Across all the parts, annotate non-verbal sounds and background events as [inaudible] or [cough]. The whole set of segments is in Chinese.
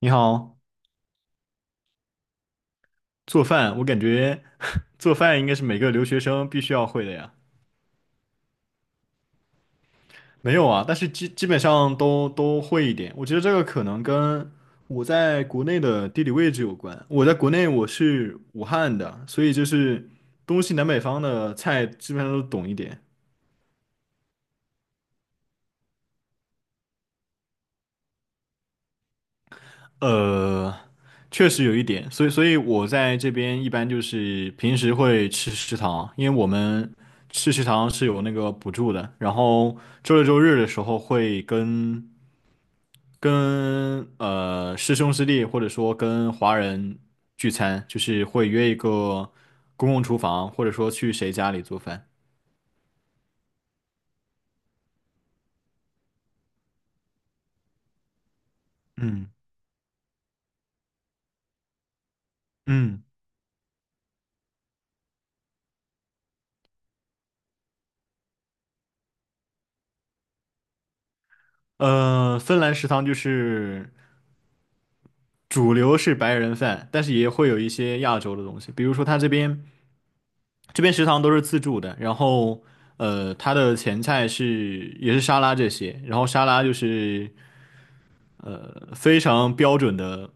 你好，做饭，我感觉 [laughs] 做饭应该是每个留学生必须要会的呀。没有啊，但是基本上都会一点。我觉得这个可能跟我在国内的地理位置有关。我在国内我是武汉的，所以就是东西南北方的菜基本上都懂一点。呃，确实有一点，所以我在这边一般就是平时会吃食堂，因为我们吃食堂是有那个补助的，然后周六周日的时候会跟跟师兄师弟或者说跟华人聚餐，就是会约一个公共厨房，或者说去谁家里做饭。嗯。嗯。芬兰食堂就是主流是白人饭，但是也会有一些亚洲的东西，比如说他这边食堂都是自助的，然后它的前菜是也是沙拉这些，然后沙拉就是。非常标准的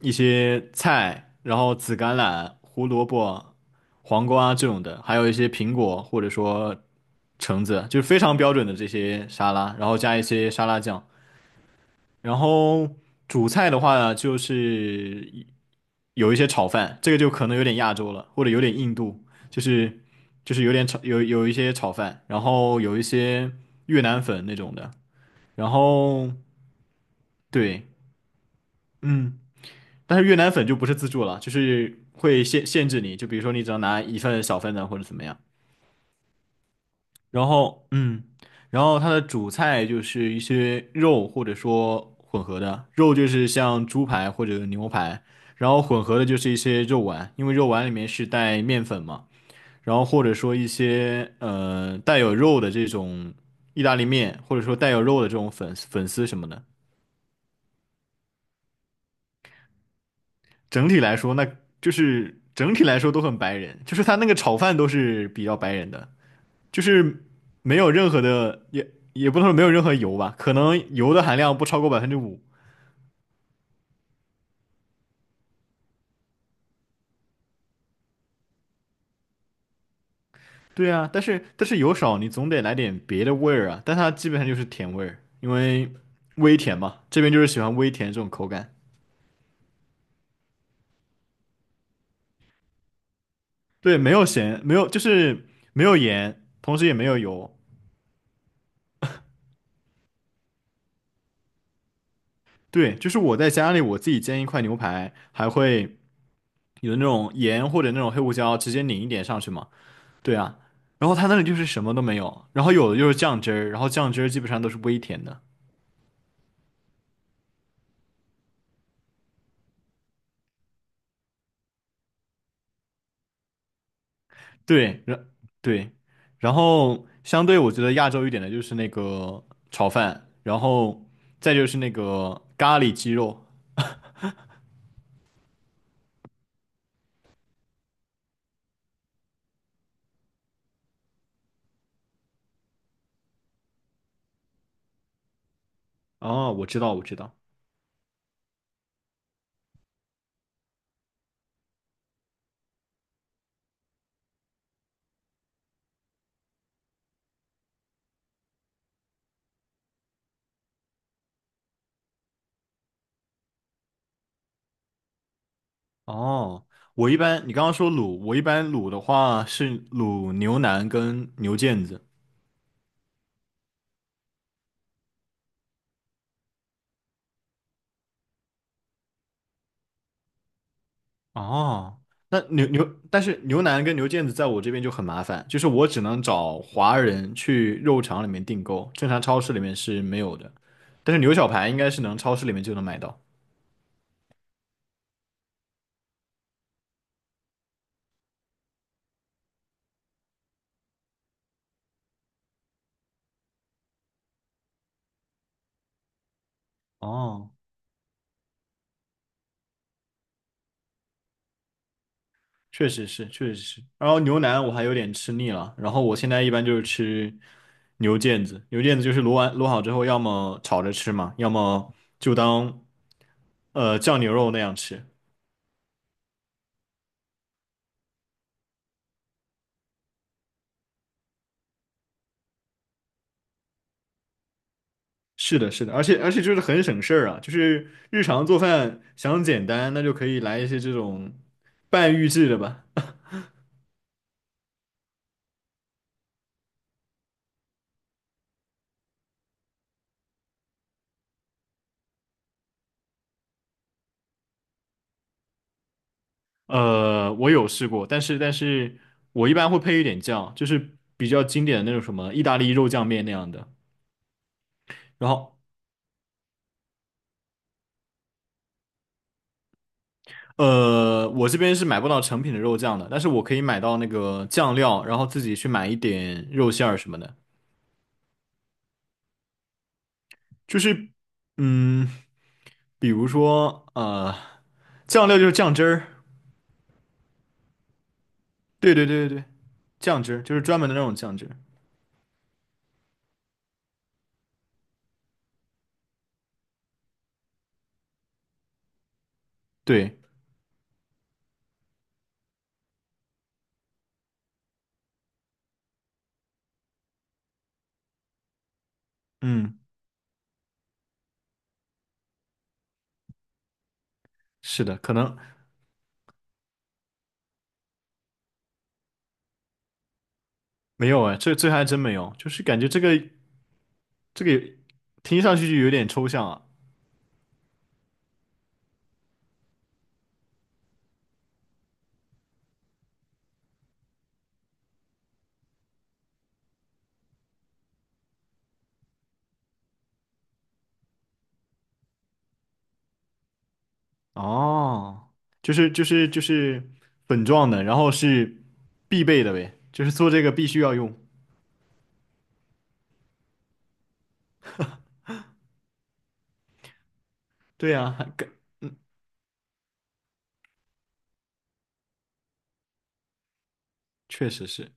一些菜，然后紫甘蓝、胡萝卜、黄瓜这种的，还有一些苹果或者说橙子，就是非常标准的这些沙拉，然后加一些沙拉酱。然后主菜的话呢，就是有一些炒饭，这个就可能有点亚洲了，或者有点印度，就是就是有点炒有一些炒饭，然后有一些越南粉那种的，然后对，嗯。但是越南粉就不是自助了，就是会限制你，就比如说你只能拿一份小份的或者怎么样。然后，嗯，然后它的主菜就是一些肉或者说混合的，肉就是像猪排或者牛排，然后混合的就是一些肉丸，因为肉丸里面是带面粉嘛，然后或者说一些带有肉的这种意大利面，或者说带有肉的这种粉丝什么的。整体来说，那就是整体来说都很白人，就是他那个炒饭都是比较白人的，就是没有任何的，也不能说没有任何油吧，可能油的含量不超过百分之五。对啊，但是油少，你总得来点别的味儿啊。但它基本上就是甜味儿，因为微甜嘛，这边就是喜欢微甜这种口感。对，没有咸，没有就是没有盐，同时也没有油。对，就是我在家里我自己煎一块牛排，还会有那种盐或者那种黑胡椒直接拧一点上去嘛。对啊，然后它那里就是什么都没有，然后有的就是酱汁儿，然后酱汁儿基本上都是微甜的。对，然对，然后相对我觉得亚洲一点的就是那个炒饭，然后再就是那个咖喱鸡肉。哦，我知道，我知道。哦，我一般你刚刚说卤，我一般卤的话是卤牛腩跟牛腱子。哦，那，但是牛腩跟牛腱子在我这边就很麻烦，就是我只能找华人去肉场里面订购，正常超市里面是没有的。但是牛小排应该是能超市里面就能买到。哦，确实是，确实是。然后牛腩我还有点吃腻了，然后我现在一般就是吃牛腱子，牛腱子就是卤好之后，要么炒着吃嘛，要么就当酱牛肉那样吃。是的，是的，而且就是很省事儿啊，就是日常做饭想简单，那就可以来一些这种半预制的吧。[laughs] 我有试过，但是我一般会配一点酱，就是比较经典的那种什么意大利肉酱面那样的。然后我这边是买不到成品的肉酱的，但是我可以买到那个酱料，然后自己去买一点肉馅儿什么的。就是嗯，比如说，酱料就是酱汁儿。对对对对对，酱汁就是专门的那种酱汁。对，嗯，是的，可能没有哎，这这还真没有，就是感觉这个听上去就有点抽象啊。哦，就是粉状的，然后是必备的呗，就是做这个必须要用。对呀，还确实是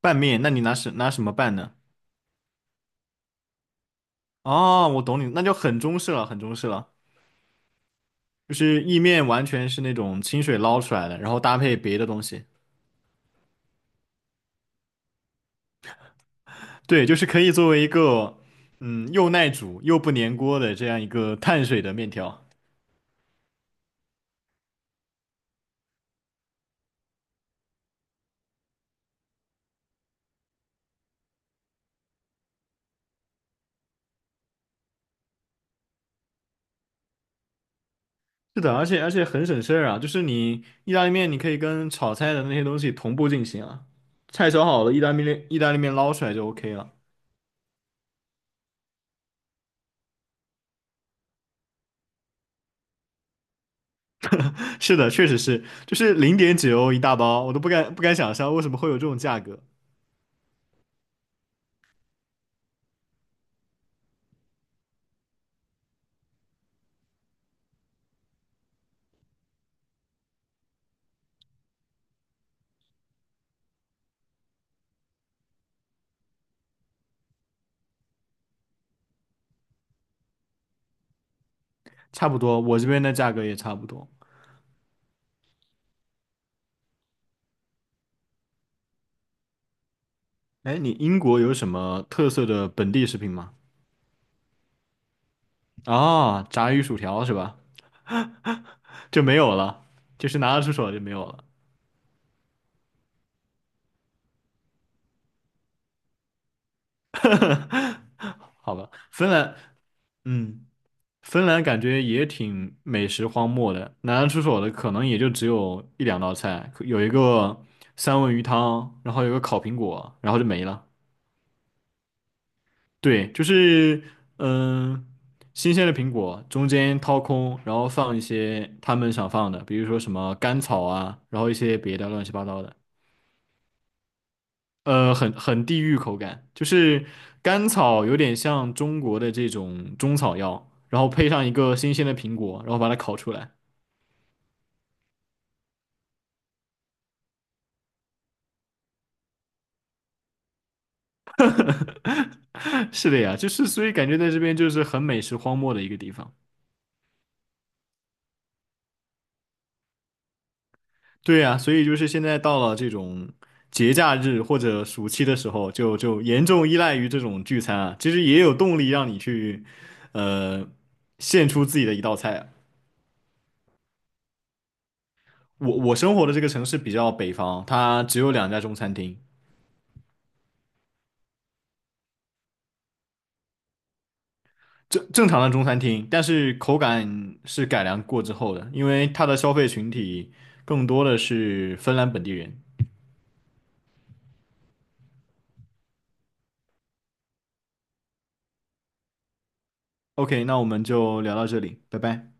拌面，那你拿什么拌呢？哦，我懂你，那就很中式了，很中式了，就是意面完全是那种清水捞出来的，然后搭配别的东西。对，就是可以作为一个，嗯，又耐煮又不粘锅的这样一个碳水的面条。是的，而且很省事儿啊，就是你意大利面，你可以跟炒菜的那些东西同步进行啊。菜炒好了，意大利面捞出来就 OK 了。[laughs] 是的，确实是，就是零点几欧一大包，我都不敢想象为什么会有这种价格。差不多，我这边的价格也差不多。哎，你英国有什么特色的本地食品吗？啊、炸鱼薯条是吧？就没有了，就是拿得出手就没有了。好吧，芬兰，嗯，芬兰感觉也挺美食荒漠的，拿得出手的可能也就只有一两道菜，可有一个三文鱼汤，然后有个烤苹果，然后就没了。对，就是嗯，新鲜的苹果中间掏空，然后放一些他们想放的，比如说什么甘草啊，然后一些别的乱七八糟的。很地域口感，就是甘草有点像中国的这种中草药，然后配上一个新鲜的苹果，然后把它烤出来。[laughs] 是的呀，就是所以感觉在这边就是很美食荒漠的一个地方。对呀，所以就是现在到了这种节假日或者暑期的时候，就严重依赖于这种聚餐啊，其实也有动力让你去，呃，献出自己的一道菜啊我我生活的这个城市比较北方，它只有两家中餐厅。正常的中餐厅，但是口感是改良过之后的，因为它的消费群体更多的是芬兰本地人。OK，那我们就聊到这里，拜拜。